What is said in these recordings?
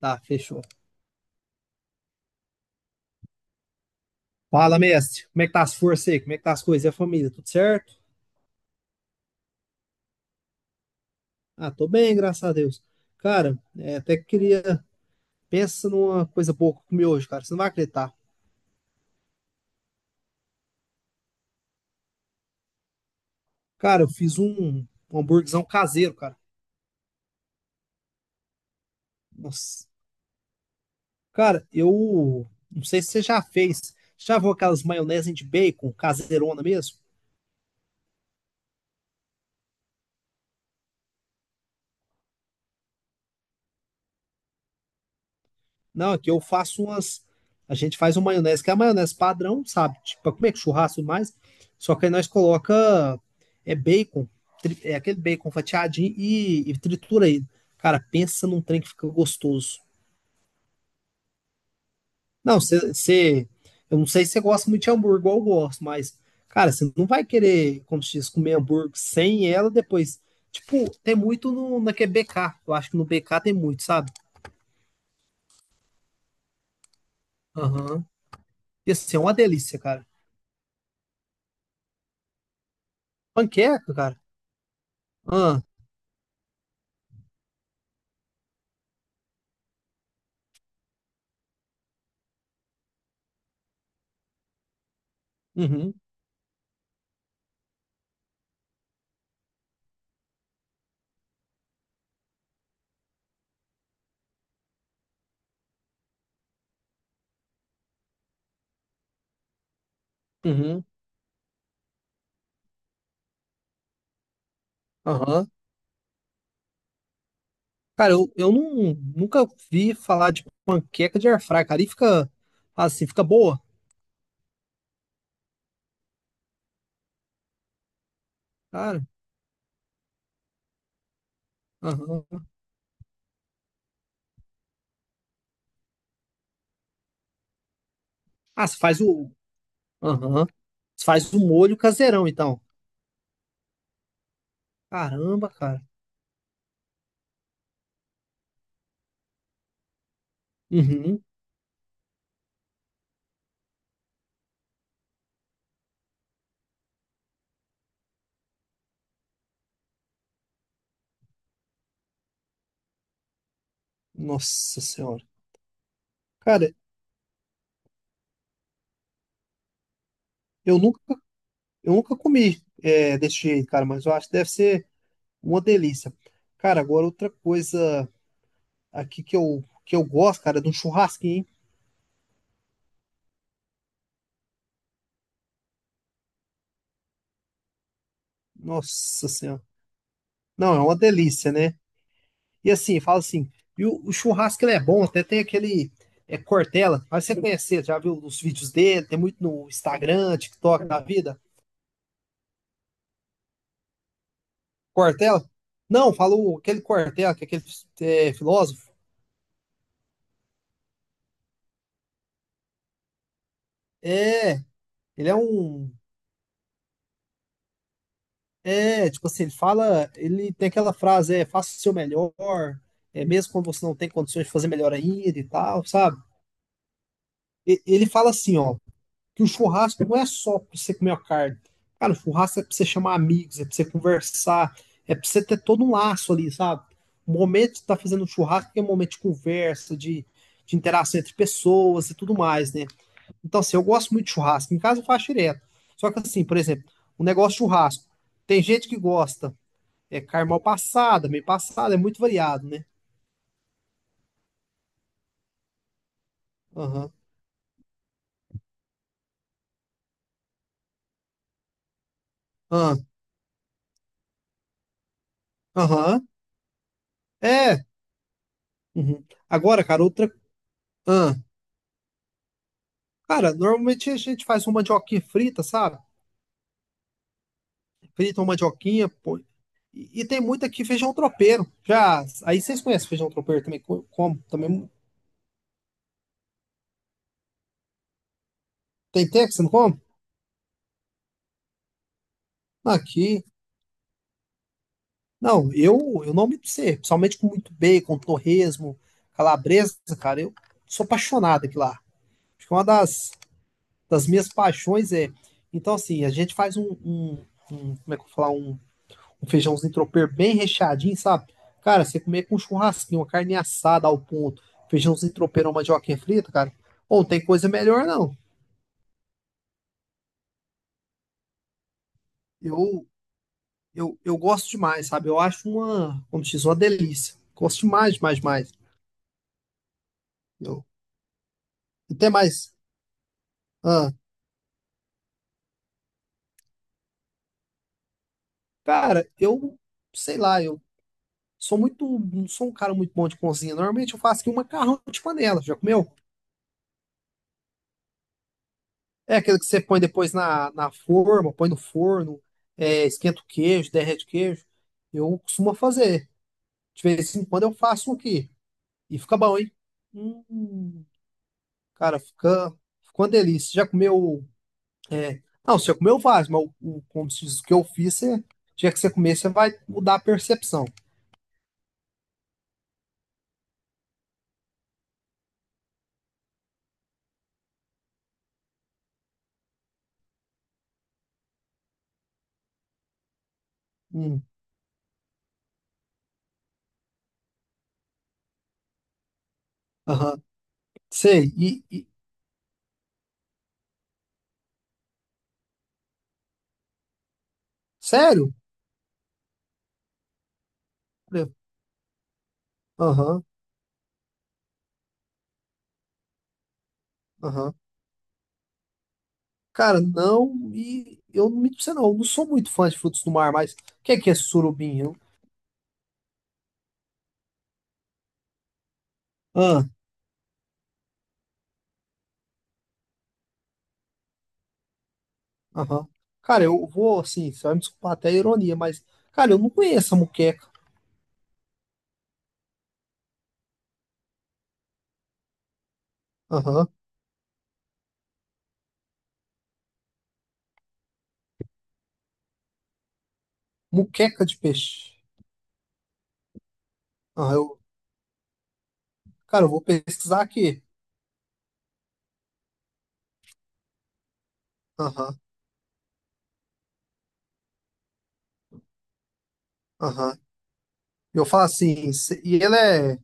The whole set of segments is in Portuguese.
Tá, fechou. Fala, mestre. Como é que tá as forças aí? Como é que tá as coisas e a família? Tudo certo? Ah, tô bem, graças a Deus. Cara, é, até que queria. Pensa numa coisa boa que eu comi hoje, cara. Você não vai acreditar. Cara, eu fiz um hambúrguerzão caseiro, cara. Nossa. Cara, eu não sei se você já fez. Já viu aquelas maionese de bacon caseirona mesmo? Não, aqui eu faço umas. A gente faz uma maionese, que é a maionese padrão, sabe? Tipo, como é que churrasco e mais? Só que aí nós coloca é bacon, é aquele bacon fatiadinho e tritura ele. Cara, pensa num trem que fica gostoso. Não, você. Eu não sei se você gosta muito de hambúrguer, igual eu gosto, mas, cara, você não vai querer, como se diz, comer hambúrguer sem ela depois. Tipo, tem muito no, na que é BK. Eu acho que no BK tem muito, sabe? Aham. Ia ser uma delícia, cara. Panqueca, cara. Ah, uhum, uhum, aham. Cara, eu não, nunca vi falar de panqueca de airfry, cara. E fica assim, fica boa, cara. Aham. Ah, você faz o. Aham. Você faz o molho caseirão, então. Caramba, cara. Uhum. Nossa senhora. Cara, eu nunca, eu nunca comi desse jeito, cara, mas eu acho que deve ser uma delícia. Cara, agora outra coisa aqui que eu, gosto, cara, é de um churrasquinho, hein? Nossa senhora. Não, é uma delícia, né? E assim, fala assim, e o churrasco ele é bom, até tem aquele Cortella, mas você conhecer, já viu os vídeos dele, tem muito no Instagram, TikTok da vida. Cortella? Não, falou aquele Cortella, que é aquele filósofo. É, ele é um. É, tipo assim, ele fala, ele tem aquela frase, faça o seu melhor, é mesmo quando você não tem condições de fazer melhor ainda e tal, sabe? Ele fala assim, ó, que o churrasco não é só pra você comer a carne. Cara, o churrasco é pra você chamar amigos, é pra você conversar, é pra você ter todo um laço ali, sabe? O momento de estar fazendo um churrasco é um momento de conversa, de, interação entre pessoas e tudo mais, né? Então, assim, eu gosto muito de churrasco. Em casa eu faço direto. Só que, assim, por exemplo, o negócio de churrasco. Tem gente que gosta, é carne mal passada, meio passada, é muito variado, né? Aham, aham, aham. É. Uhum. Agora, cara, outra. Aham. Cara, normalmente a gente faz uma mandioquinha frita, sabe? Frita uma mandioquinha, pô. E tem muito aqui feijão tropeiro. Já, aí vocês conhecem feijão tropeiro também? Como? Também tem tempo que você não come? Aqui. Não, eu não me sei, principalmente com muito bacon, torresmo, calabresa, cara, eu sou apaixonado aqui lá. Acho que é uma das minhas paixões é. Então, assim, a gente faz um, um, como é que eu vou falar? Um feijãozinho tropeiro bem recheadinho, sabe? Cara, você comer com um churrasquinho, uma carne assada ao ponto, feijãozinho tropeiro, uma mandioquinha frita, cara, ou não tem coisa melhor, não. Eu, eu gosto demais, sabe? Eu acho uma, como diz, uma delícia. Gosto demais, demais, demais. Eu, até mais. Ah, cara, eu, sei lá, eu sou muito, não sou um cara muito bom de cozinha. Normalmente eu faço aqui um macarrão de panela. Já comeu? É aquele que você põe depois na, forma, põe no forno, esquenta o queijo, derrete o queijo. Eu costumo fazer. De vez em quando eu faço um aqui. E fica bom, hein? Hum, cara, fica, uma delícia. Já comeu. Não, você já comeu vários, mas como se diz, o que eu fiz, você, já que você comer, você vai mudar a percepção. Hum, aham. Sei. E, sério? Aham, aham. Cara, não, e eu não me você não, eu não sou muito fã de frutos do mar, mas o que é surubim? Ah, aham. Cara, eu vou assim, você vai me desculpar até a ironia, mas, cara, eu não conheço a muqueca. Aham. Muqueca de peixe. Aham, eu, cara, eu vou pesquisar aqui. Aham, aham. Eu falo assim, e ele é,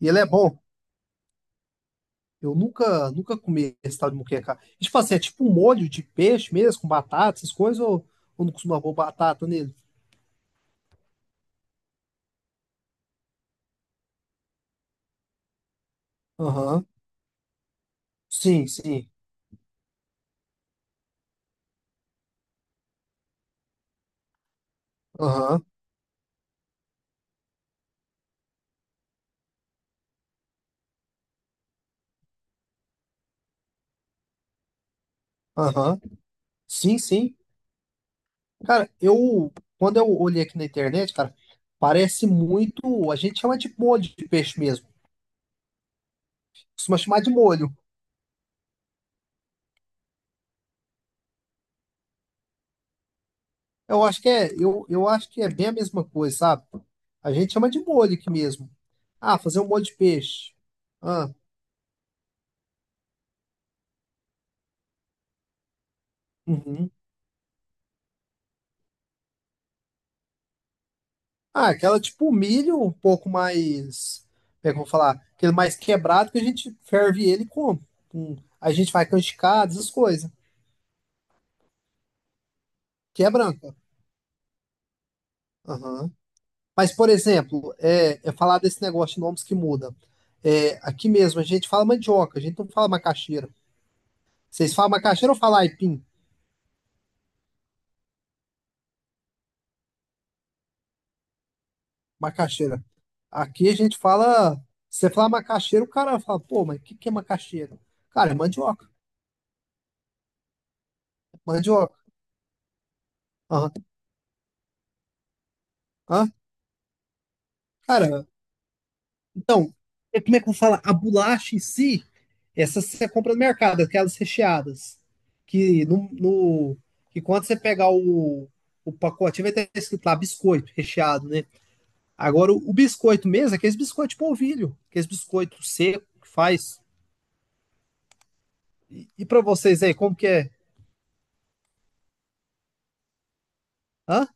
e ele é bom. Eu nunca comi esse tal de muqueca. E, tipo assim, é tipo um molho de peixe mesmo, com batata, essas coisas, ou não costuma pôr batata nele? Aham. Sim, sim. Aham. Aham. Sim, sim. Cara, eu quando eu olhei aqui na internet, cara, parece muito, a gente chama de molho de peixe mesmo. Costuma chamar de molho. Eu acho que é, eu acho que é bem a mesma coisa, sabe? A gente chama de molho aqui mesmo. Ah, fazer um molho de peixe. Ah, uhum. Ah, aquela tipo milho um pouco mais, como é que eu vou falar? Aquele mais quebrado que a gente ferve ele e come. Hum. A gente vai canjicadas, essas coisas. Que é branca. Aham. Mas, por exemplo, eu falar desse negócio de nomes que muda. É, aqui mesmo a gente fala mandioca, a gente não fala macaxeira. Vocês falam macaxeira ou falam aipim? Macaxeira. Aqui a gente fala. Você fala macaxeira, o cara fala, pô, mas o que, que é macaxeira? Cara, é mandioca. Mandioca. Aham. Hã? Cara, então, como é que eu falo? A bolacha em si, essa você compra no mercado, aquelas recheadas. Que, que quando você pegar o, pacotinho, vai ter escrito lá biscoito recheado, né? Agora, o biscoito mesmo, é aqueles biscoitos de polvilho, aqueles biscoitos seco que faz. E para vocês aí, como que é? Hã?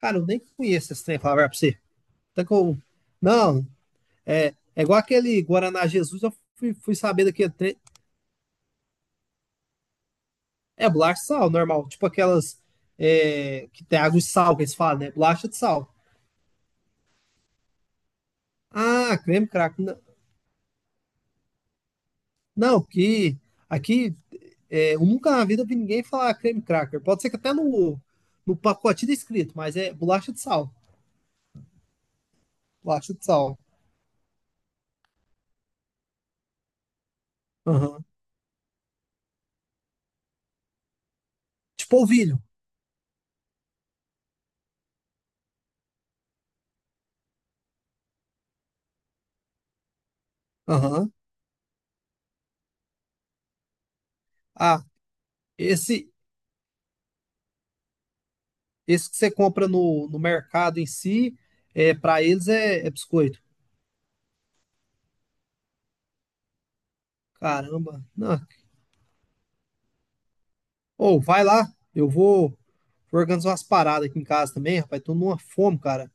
Cara, eu nem conheço esse trem, falar pra você. Então, Não, é, é igual aquele Guaraná Jesus, eu fui saber daquele trem. É bolacha de sal, normal. Tipo aquelas que tem água de sal, que eles falam, né? Bolacha de sal. Ah, creme cracker. Não, não, que aqui eu nunca na vida vi ninguém falar creme cracker. Pode ser que até no, pacotinho tá escrito, mas é bolacha de sal. Plástico de sal. Aham. Tipo polvilho. Aham. Ah, esse, esse que você compra no, mercado em si, para eles é biscoito. Caramba. Não. Ô, vai lá. Eu vou organizar umas paradas aqui em casa também, rapaz. Tô numa fome, cara.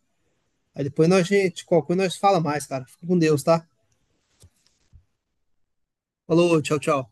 Aí depois nós, gente, qualquer coisa nós fala mais, cara. Fica com Deus, tá? Falou, tchau, tchau.